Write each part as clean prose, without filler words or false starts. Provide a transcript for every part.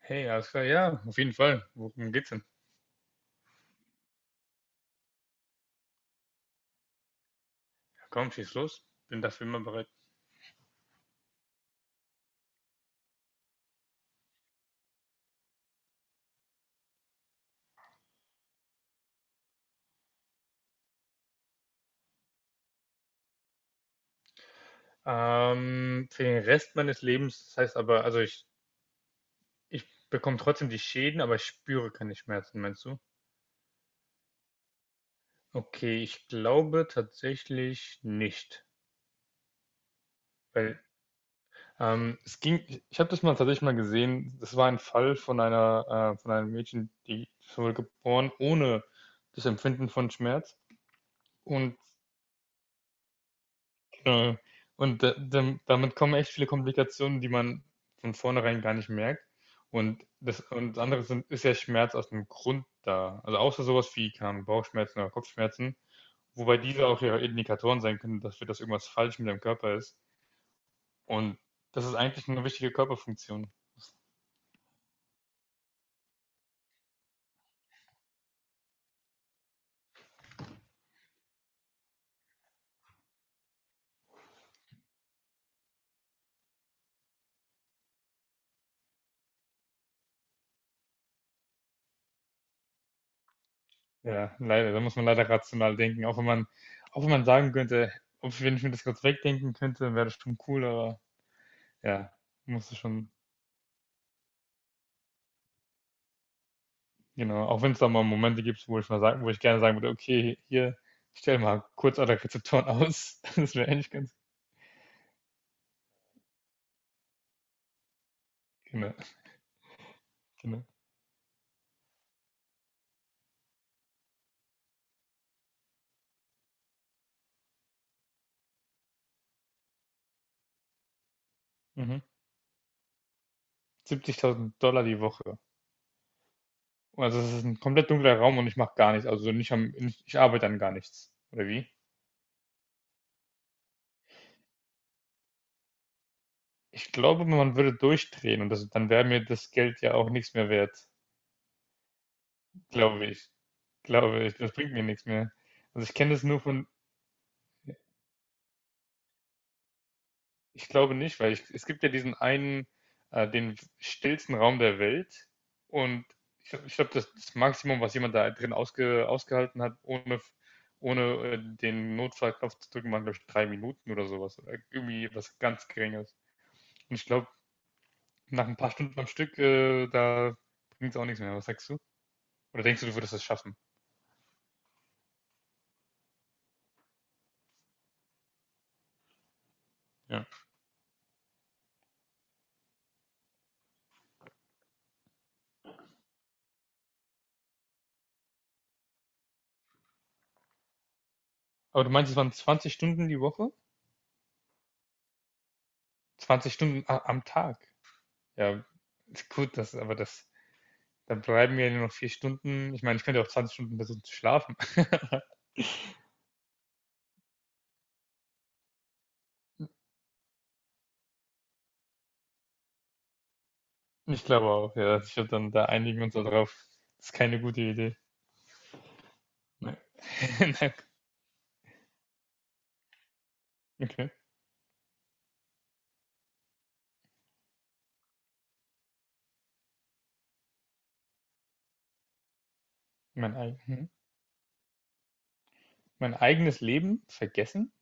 Hey, alles klar, ja, auf jeden Fall. Worum geht's denn? Ja, komm, schieß los. Bin dafür immer bereit. Für den Rest meines Lebens, das heißt aber, also ich bekomme trotzdem die Schäden, aber ich spüre keine Schmerzen, meinst du? Okay, ich glaube tatsächlich nicht. Weil ich habe das mal tatsächlich mal gesehen. Das war ein Fall von von einem Mädchen, die wurde geboren ohne das Empfinden von Schmerz. Und Äh, Und damit kommen echt viele Komplikationen, die man von vornherein gar nicht merkt. Und das andere sind, ist ja Schmerz aus dem Grund da. Also außer sowas wie keine Bauchschmerzen oder Kopfschmerzen, wobei diese auch ja Indikatoren sein können dafür, dass irgendwas falsch mit dem Körper ist. Und das ist eigentlich eine wichtige Körperfunktion. Ja, leider, da muss man leider rational denken. Auch wenn man sagen könnte, ob, wenn ich mir das kurz wegdenken könnte, wäre das schon cool, aber ja, musst du schon. Genau, auch wenn es da mal Momente gibt, wo ich gerne sagen würde: „Okay, hier, stell mal kurz alle Rezeptoren aus.“ Das wäre eigentlich ganz. Genau, genau. Mhm. 70.000 Dollar die Woche. Also, das ist ein komplett dunkler Raum und ich mache gar nichts, also nicht am nicht ich arbeite an gar nichts, oder wie? Ich glaube, man würde durchdrehen und das dann wäre mir das Geld ja auch nichts mehr wert, glaube ich. Glaube ich, das bringt mir nichts mehr. Also, ich kenne das nur von. Ich glaube nicht, weil ich, es gibt ja diesen einen, den stillsten Raum der Welt, und ich glaube, das Maximum, was jemand da drin ausgehalten hat, ohne den Notfallknopf zu drücken, waren, glaube ich, 3 Minuten oder sowas. Oder irgendwie was ganz Geringes. Und ich glaube, nach ein paar Stunden am Stück, da bringt es auch nichts mehr. Was sagst du? Oder denkst du, du würdest das schaffen? Ja. Aber du meinst, es waren 20 Stunden die Woche? 20 Stunden am Tag. Ja, ist gut, das, aber das. Dann bleiben mir nur noch 4 Stunden. Ich meine, ich könnte auch 20 Stunden versuchen zu schlafen. Ich glaube auch, ja. Ich würde dann da Einigen wir uns darauf. Ist keine gute Idee. Nein. Na, okay. Mein, eig- hm. Mein eigenes Leben vergessen?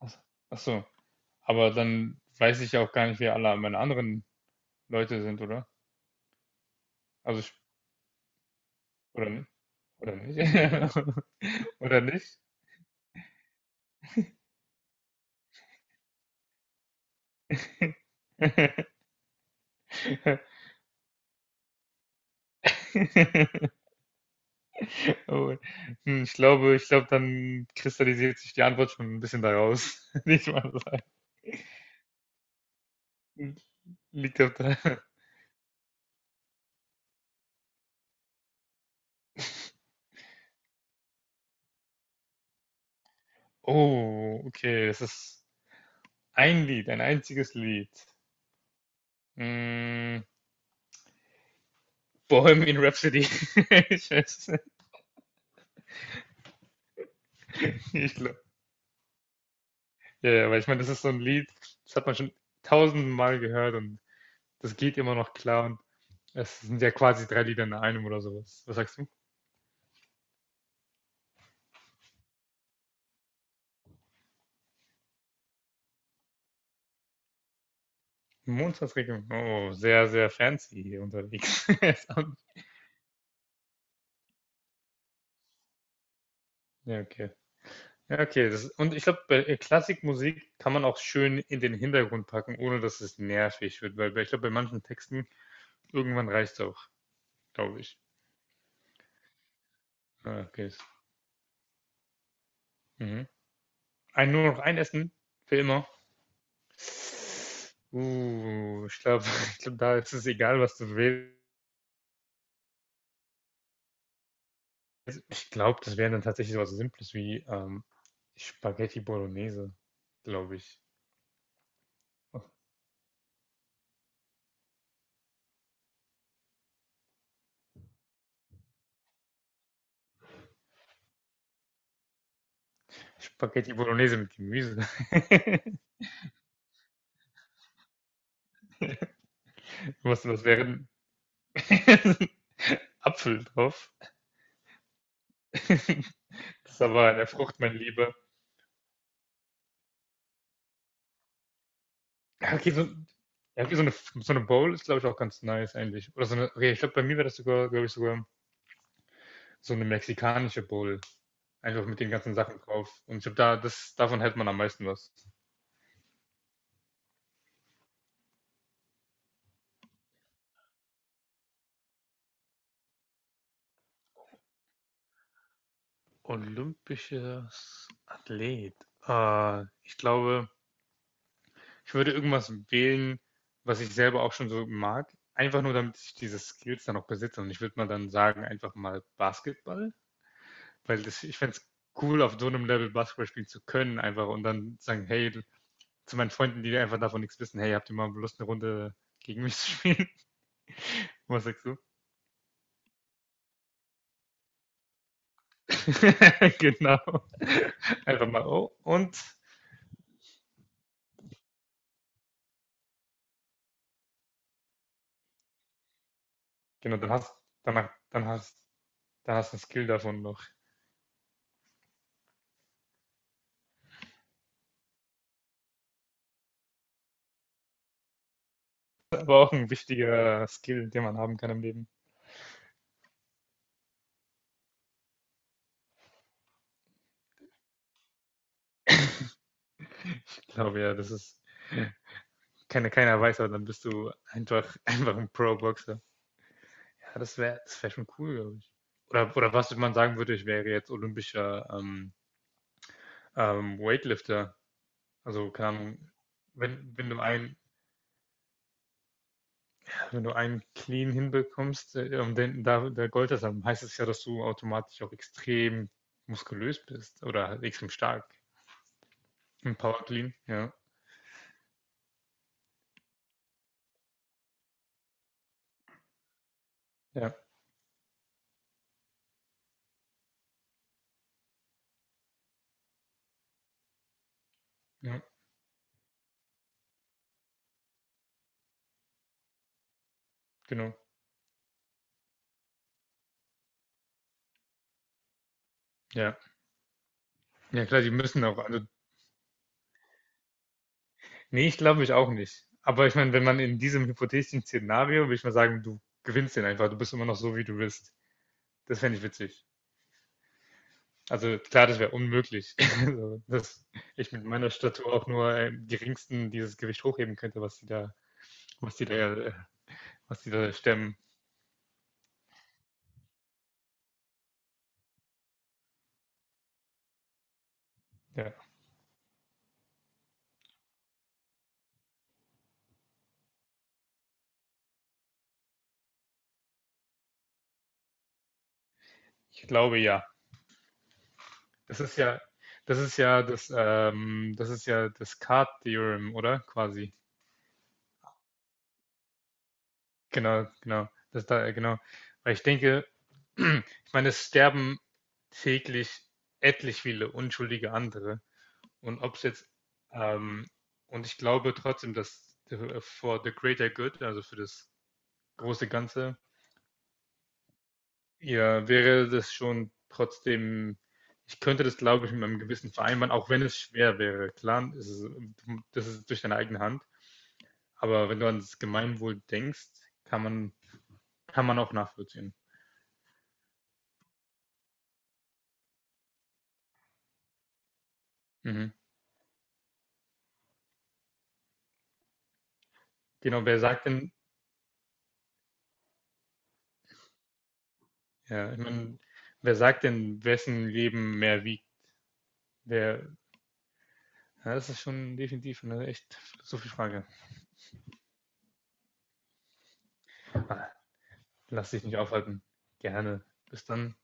Ach, so. Ach so. Aber dann weiß ich ja auch gar nicht, wer alle meine anderen Leute sind, oder? Also, ich- oder nicht? Oder nicht? Oder nicht? Oh, ich glaube, dann kristallisiert sich die Antwort schon ein bisschen daraus. Nicht mal sagen. Hm, liegt auf der Oh, okay, das ist ein Lied, ein einziges Lied. Hm, Bohemian Rhapsody. Ich weiß es nicht. Ich glaube ja, ja, weil ich meine, das ist so ein Lied, das hat man schon tausendmal gehört, und das geht immer noch klar, und es sind ja quasi 3 Lieder in einem oder so was. Was sagst du? Montagsregelung. Oh, sehr, sehr fancy hier unterwegs. Ja, okay. Ja, okay. Das, und ich glaube, bei Klassikmusik kann man auch schön in den Hintergrund packen, ohne dass es nervig wird, ich glaube, bei manchen Texten irgendwann reicht es auch, glaube ich. Ah, okay. Mhm. Nur noch ein Essen für immer. Ich glaube, ich glaub, da ist es egal, was du wählst. Ich glaube, das wäre dann tatsächlich sowas Simples wie Spaghetti Bolognese, glaube ich. Spaghetti Bolognese mit Gemüse. Was, was wäre Apfel drauf. Das ist aber eine Frucht, mein Lieber. Ja, okay, so, ja, okay, so eine Bowl ist, glaube ich, auch ganz nice eigentlich. Oder so eine, okay, ich glaube, bei mir wäre das sogar, glaube ich, sogar so eine mexikanische Bowl. Einfach mit den ganzen Sachen drauf. Und ich glaube, davon hält man am meisten was. Olympisches Athlet. Ich glaube, ich würde irgendwas wählen, was ich selber auch schon so mag. Einfach nur, damit ich diese Skills dann auch besitze. Und ich würde mal dann sagen, einfach mal Basketball. Weil das, ich fände es cool, auf so einem Level Basketball spielen zu können, einfach und dann sagen, hey, zu meinen Freunden, die einfach davon nichts wissen, hey, habt ihr mal Lust, eine Runde gegen mich zu spielen? Was sagst du? Genau. Einfach mal, oh, und genau, dann hast danach, dann hast du einen Skill davon noch. Aber auch ein wichtiger Skill, den man haben kann im Leben. Ich glaube ja, das ist keine, keiner weiß, aber dann bist du einfach, einfach ein Pro-Boxer. Ja, das wär schon cool, glaube ich. Oder was man sagen würde, ich wäre jetzt olympischer Weightlifter. Also, keine Ahnung, wenn du wenn du einen Clean hinbekommst, und der Gold hast, dann heißt es ja, dass du automatisch auch extrem muskulös bist oder halt extrem stark. Ein Power Clean, ja. Ja, ja, genau. Ja. Ja klar, die müssen auch. Also, nee, ich glaube ich auch nicht. Aber ich meine, wenn man in diesem hypothetischen Szenario, würde ich mal sagen, du gewinnst den einfach, du bist immer noch so, wie du bist. Das fände ich witzig. Also klar, das wäre unmöglich, also, dass ich mit meiner Statur auch nur im geringsten dieses Gewicht hochheben könnte, was die da, äh, was die da stemmen. Ja, ich glaube ja. Das ist ja, Das ist ja das Card-Theorem, oder? Quasi. Genau, genau. Genau. Weil ich denke, ich meine, es sterben täglich etlich viele unschuldige andere. Und ob es jetzt, ähm, und ich glaube trotzdem, dass for the greater good, also für das große Ganze, ja, wäre das schon trotzdem, ich könnte das, glaube ich, mit meinem Gewissen vereinbaren, auch wenn es schwer wäre. Klar, es ist, das ist durch deine eigene Hand, aber wenn du ans Gemeinwohl denkst, kann man, kann man auch nachvollziehen. Mhm. Genau, wer sagt denn, ja, ich meine, wer sagt denn, wessen Leben mehr wiegt? Wer, ja, das ist schon definitiv eine echt philosophische Frage. Ah, lass dich nicht aufhalten. Gerne. Bis dann.